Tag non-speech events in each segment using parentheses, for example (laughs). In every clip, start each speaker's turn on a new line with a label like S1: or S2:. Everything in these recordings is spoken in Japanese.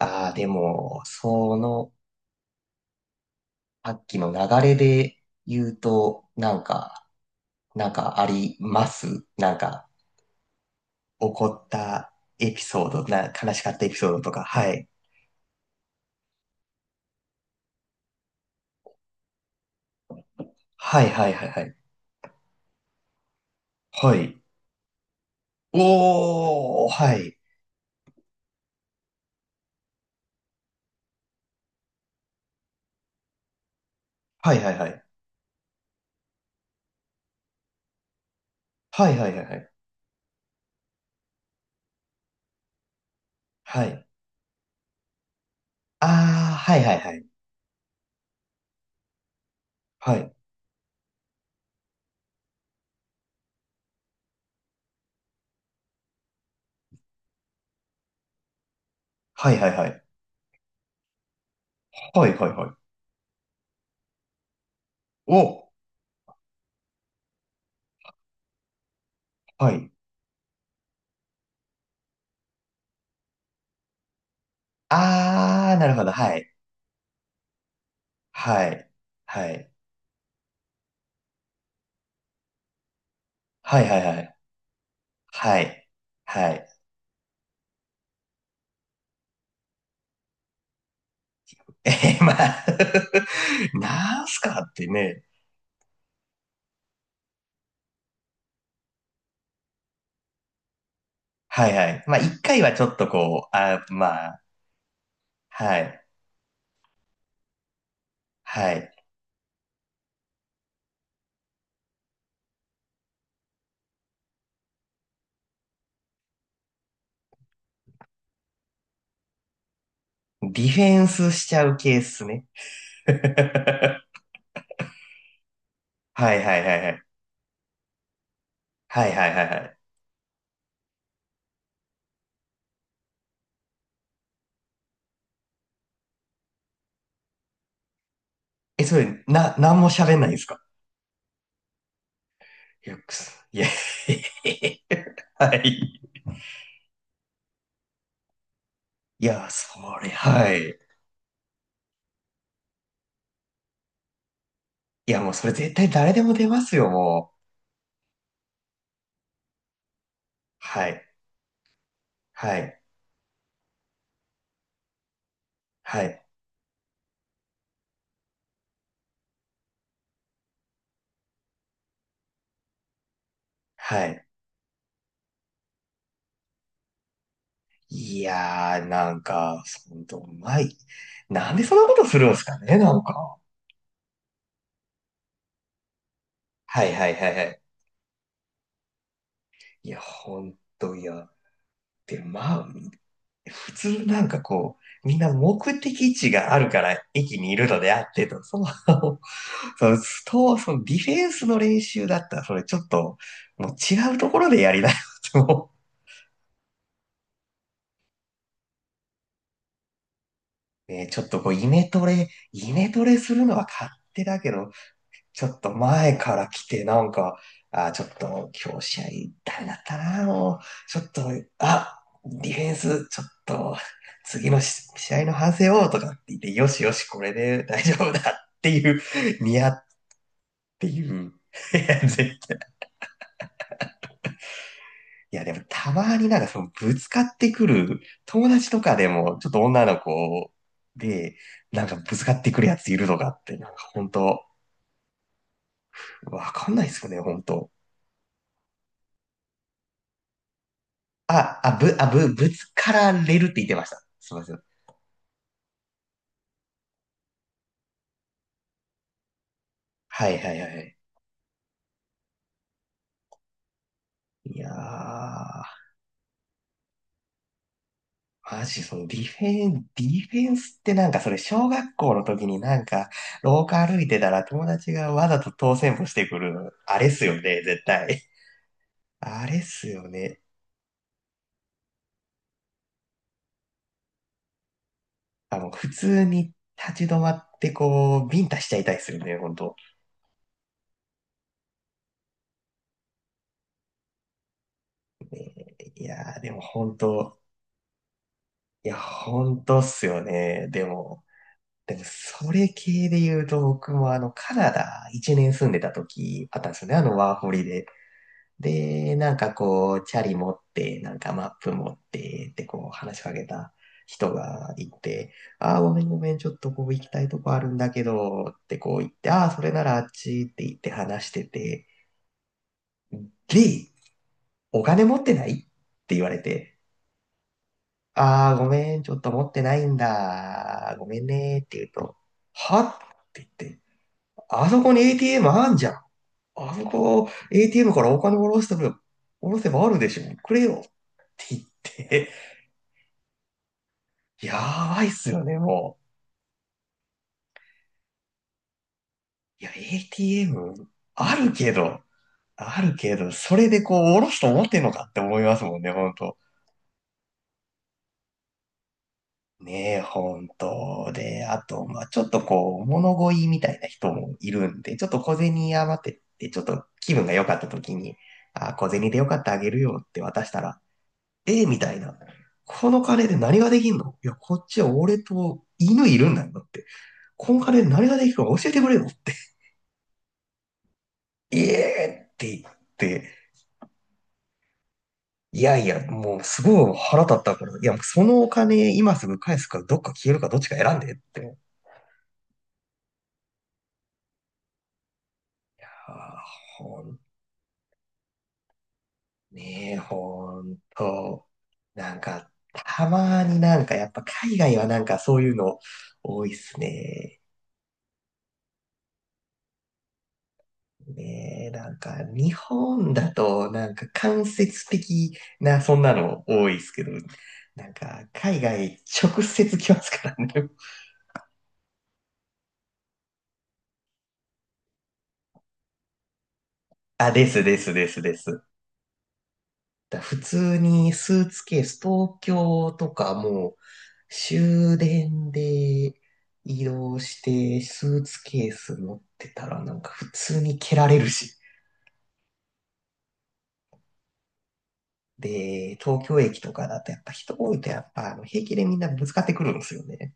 S1: ああ、でも、さっきの流れで言うと、なんか、なんかありますなんか、起こったエピソード、悲しかったエピソードとか、はい。はいはいはいはい。はい。おー、はい。はいはいはい。はいはいはいはい。はい。あー、はいはいはい。はい。はいはいはい。はいはいはい。お、はい。あー、なるほど。はい。はい。はい。はいはいはい。はい。はい。えまあ (laughs) なんすかってね。はいはい。まあ、一回はちょっとこう、まあ、はい、はい。ディフェンスしちゃう系っすね。(laughs) はいはいはいはい。はいはいはいはい。え、それ、なんも喋んないんですか？いや、いや、(laughs) はい。いや、それ、はい。いや、もうそれ絶対誰でも出ますよ、もう。はい、はい、はい、はい。いやー、なんか、ほんと、うまい。なんでそんなことするんですかね、なんか。はいはいはいはい。いや、ほんと、いや。で、まあ、普通なんかこう、みんな目的地があるから駅にいるのであってと、その、(laughs) その、そのディフェンスの練習だったら、それちょっと、もう違うところでやりなよと。(laughs) ね、ちょっとこう、イメトレするのは勝手だけど、ちょっと前から来て、なんか、あ、ちょっと今日試合ダメだったな、もう、ちょっと、あ、ディフェンス、ちょっと、次の試合の反省をとかって言って、よしよし、これで大丈夫だっていう、ニヤっていう。(laughs) いや、絶対。いや、でもたまになんかそのぶつかってくる、友達とかでも、ちょっと女の子で、なんかぶつかってくるやついるとかって、なんか本当、わかんないですよね、本当。あ、あ、ぶ、あ、ぶ、ぶつかられるって言ってました。すみません。はいはいはいはい。いやー、マジそのディフェンスってなんかそれ小学校の時になんか廊下歩いてたら友達がわざと当選歩してくる、あれっすよね、絶対。あれっすよね。あの、普通に立ち止まってこう、ビンタしちゃいたいっすよね、ほんと。いやー、でもほんと、いや、ほんとっすよね。でも、でも、それ系で言うと、僕もあの、カナダ1年住んでた時あったんですよね、あの、ワーホリで。で、なんかこう、チャリ持って、なんかマップ持って、ってこう、話しかけた人がいて、ああ、ごめんごめん、ちょっとこう、行きたいとこあるんだけど、ってこう言って、ああ、それならあっちって言って話してて、リー、お金持ってないって言われて、ああ、ごめん、ちょっと持ってないんだ、ごめんね、って言うと、はって言って、あそこに ATM あんじゃん。あそこ、ATM からお金下ろしても、下ろせばあるでしょ。くれよ。って言って、やばいっすよね、もう。いや、ATM あるけど、あるけど、それでこう、下ろすと思ってんのかって思いますもんね、ほんと。ねえ、ほんと。で、あと、まあちょっとこう、物乞いみたいな人もいるんで、ちょっと小銭余ってって、ちょっと気分が良かった時に、あ、小銭でよかったあげるよって渡したら、えーみたいな。この金で何ができんの？いや、こっちは俺と犬いるんだよだって。この金で何ができるか教えてくれよって。(laughs) ええって言って、いやいや、もうすごい腹立ったから、いや、そのお金今すぐ返すか、どっか消えるか、どっちか選んでって。ああ、ほん、ねえ、ほんと。なんか、たまになんかやっぱ海外はなんかそういうの多いっすね。ねえ、なんか、日本だと、なんか、間接的な、そんなの多いですけど、なんか、海外、直接来ますからね。(laughs) あ、ですですですです。だ普通にスーツケース、東京とかもう、終電で移動して、スーツケース持ってたら、なんか、普通に蹴られるし。で、東京駅とかだと、やっぱ人多いと、やっぱ、あの平気でみんなぶつかってくるんですよね。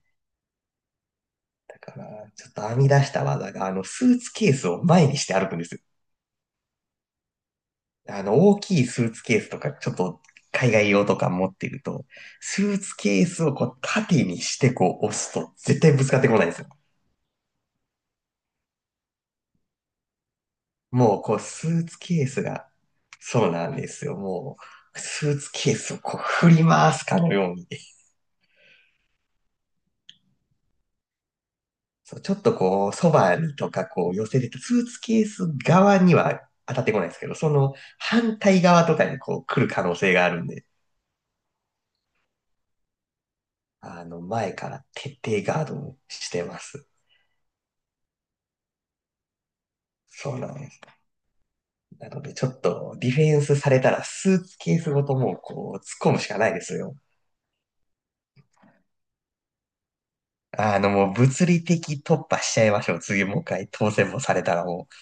S1: だから、ちょっと編み出した技が、あの、スーツケースを前にして歩くんですよ。あの、大きいスーツケースとか、ちょっと海外用とか持ってると、スーツケースをこう縦にしてこう押すと絶対ぶつかってこないんですよ。もうこうスーツケースが、そうなんですよ。もう、スーツケースをこう振り回すかのように。そうちょっとこう、そばにとかこう寄せてたスーツケース側には当たってこないんですけど、その反対側とかにこう来る可能性があるんで、あの、前から徹底ガードをしてます。そうなんです。なので、ちょっとディフェンスされたらスーツケースごともうこう、突っ込むしかないですよ。あの、もう物理的突破しちゃいましょう。次もう一回当選もされたらもう。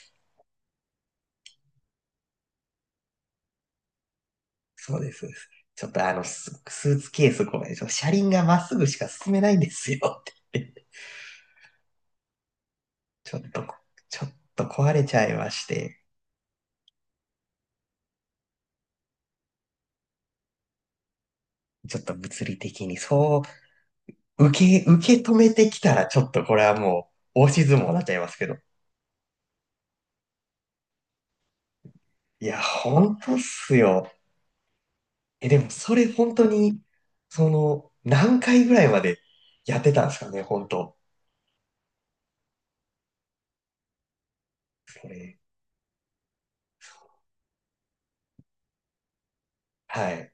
S1: そうです。そうですちょっとあの、スーツケースごめん。ちょっと車輪がまっすぐしか進めないんですよって言って。(laughs) ちょっと、ちょっと壊れちゃいまして。ちょっと物理的にそう、受け止めてきたらちょっとこれはもう、押し相撲になっちゃいますけど。いや、本当っすよ。え、でもそれ本当に、その、何回ぐらいまでやってたんですかね、本当。それ。はい。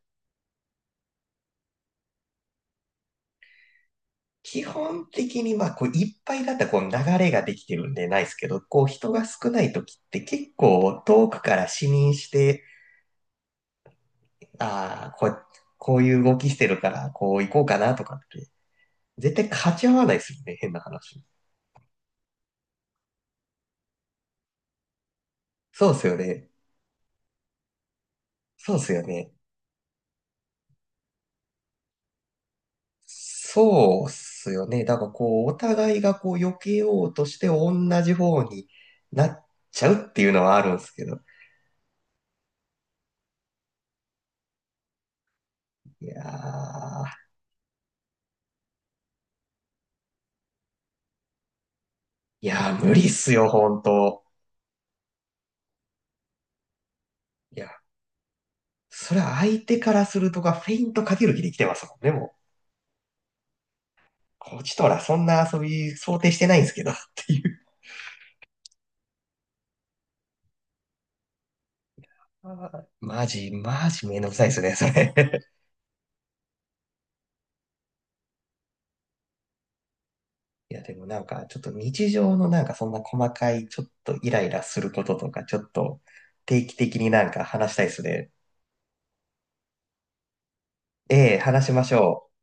S1: 基本的に、まあ、こう、いっぱいだったら、こう、流れができてるんでないですけど、こう、人が少ない時って結構遠くから視認して、ああ、こう、こういう動きしてるから、こう行こうかなとかって、絶対勝ち合わないですよね、変な話。そうですよね。そうですよね。そうっすよね。だからこう、お互いがこう、避けようとして同じ方になっちゃうっていうのはあるんですけど。いやー、いやー無理っすよ、本当。いや、それは相手からするとか、フェイントかける気で来てますもんね、もう。こっちとらそんな遊び想定してないんですけど、っていう。あーマジめんどくさいっすね、それ。いや、でもなんか、ちょっと日常のなんかそんな細かい、ちょっとイライラすることとか、ちょっと定期的になんか話したいですね。ええ、話しましょう。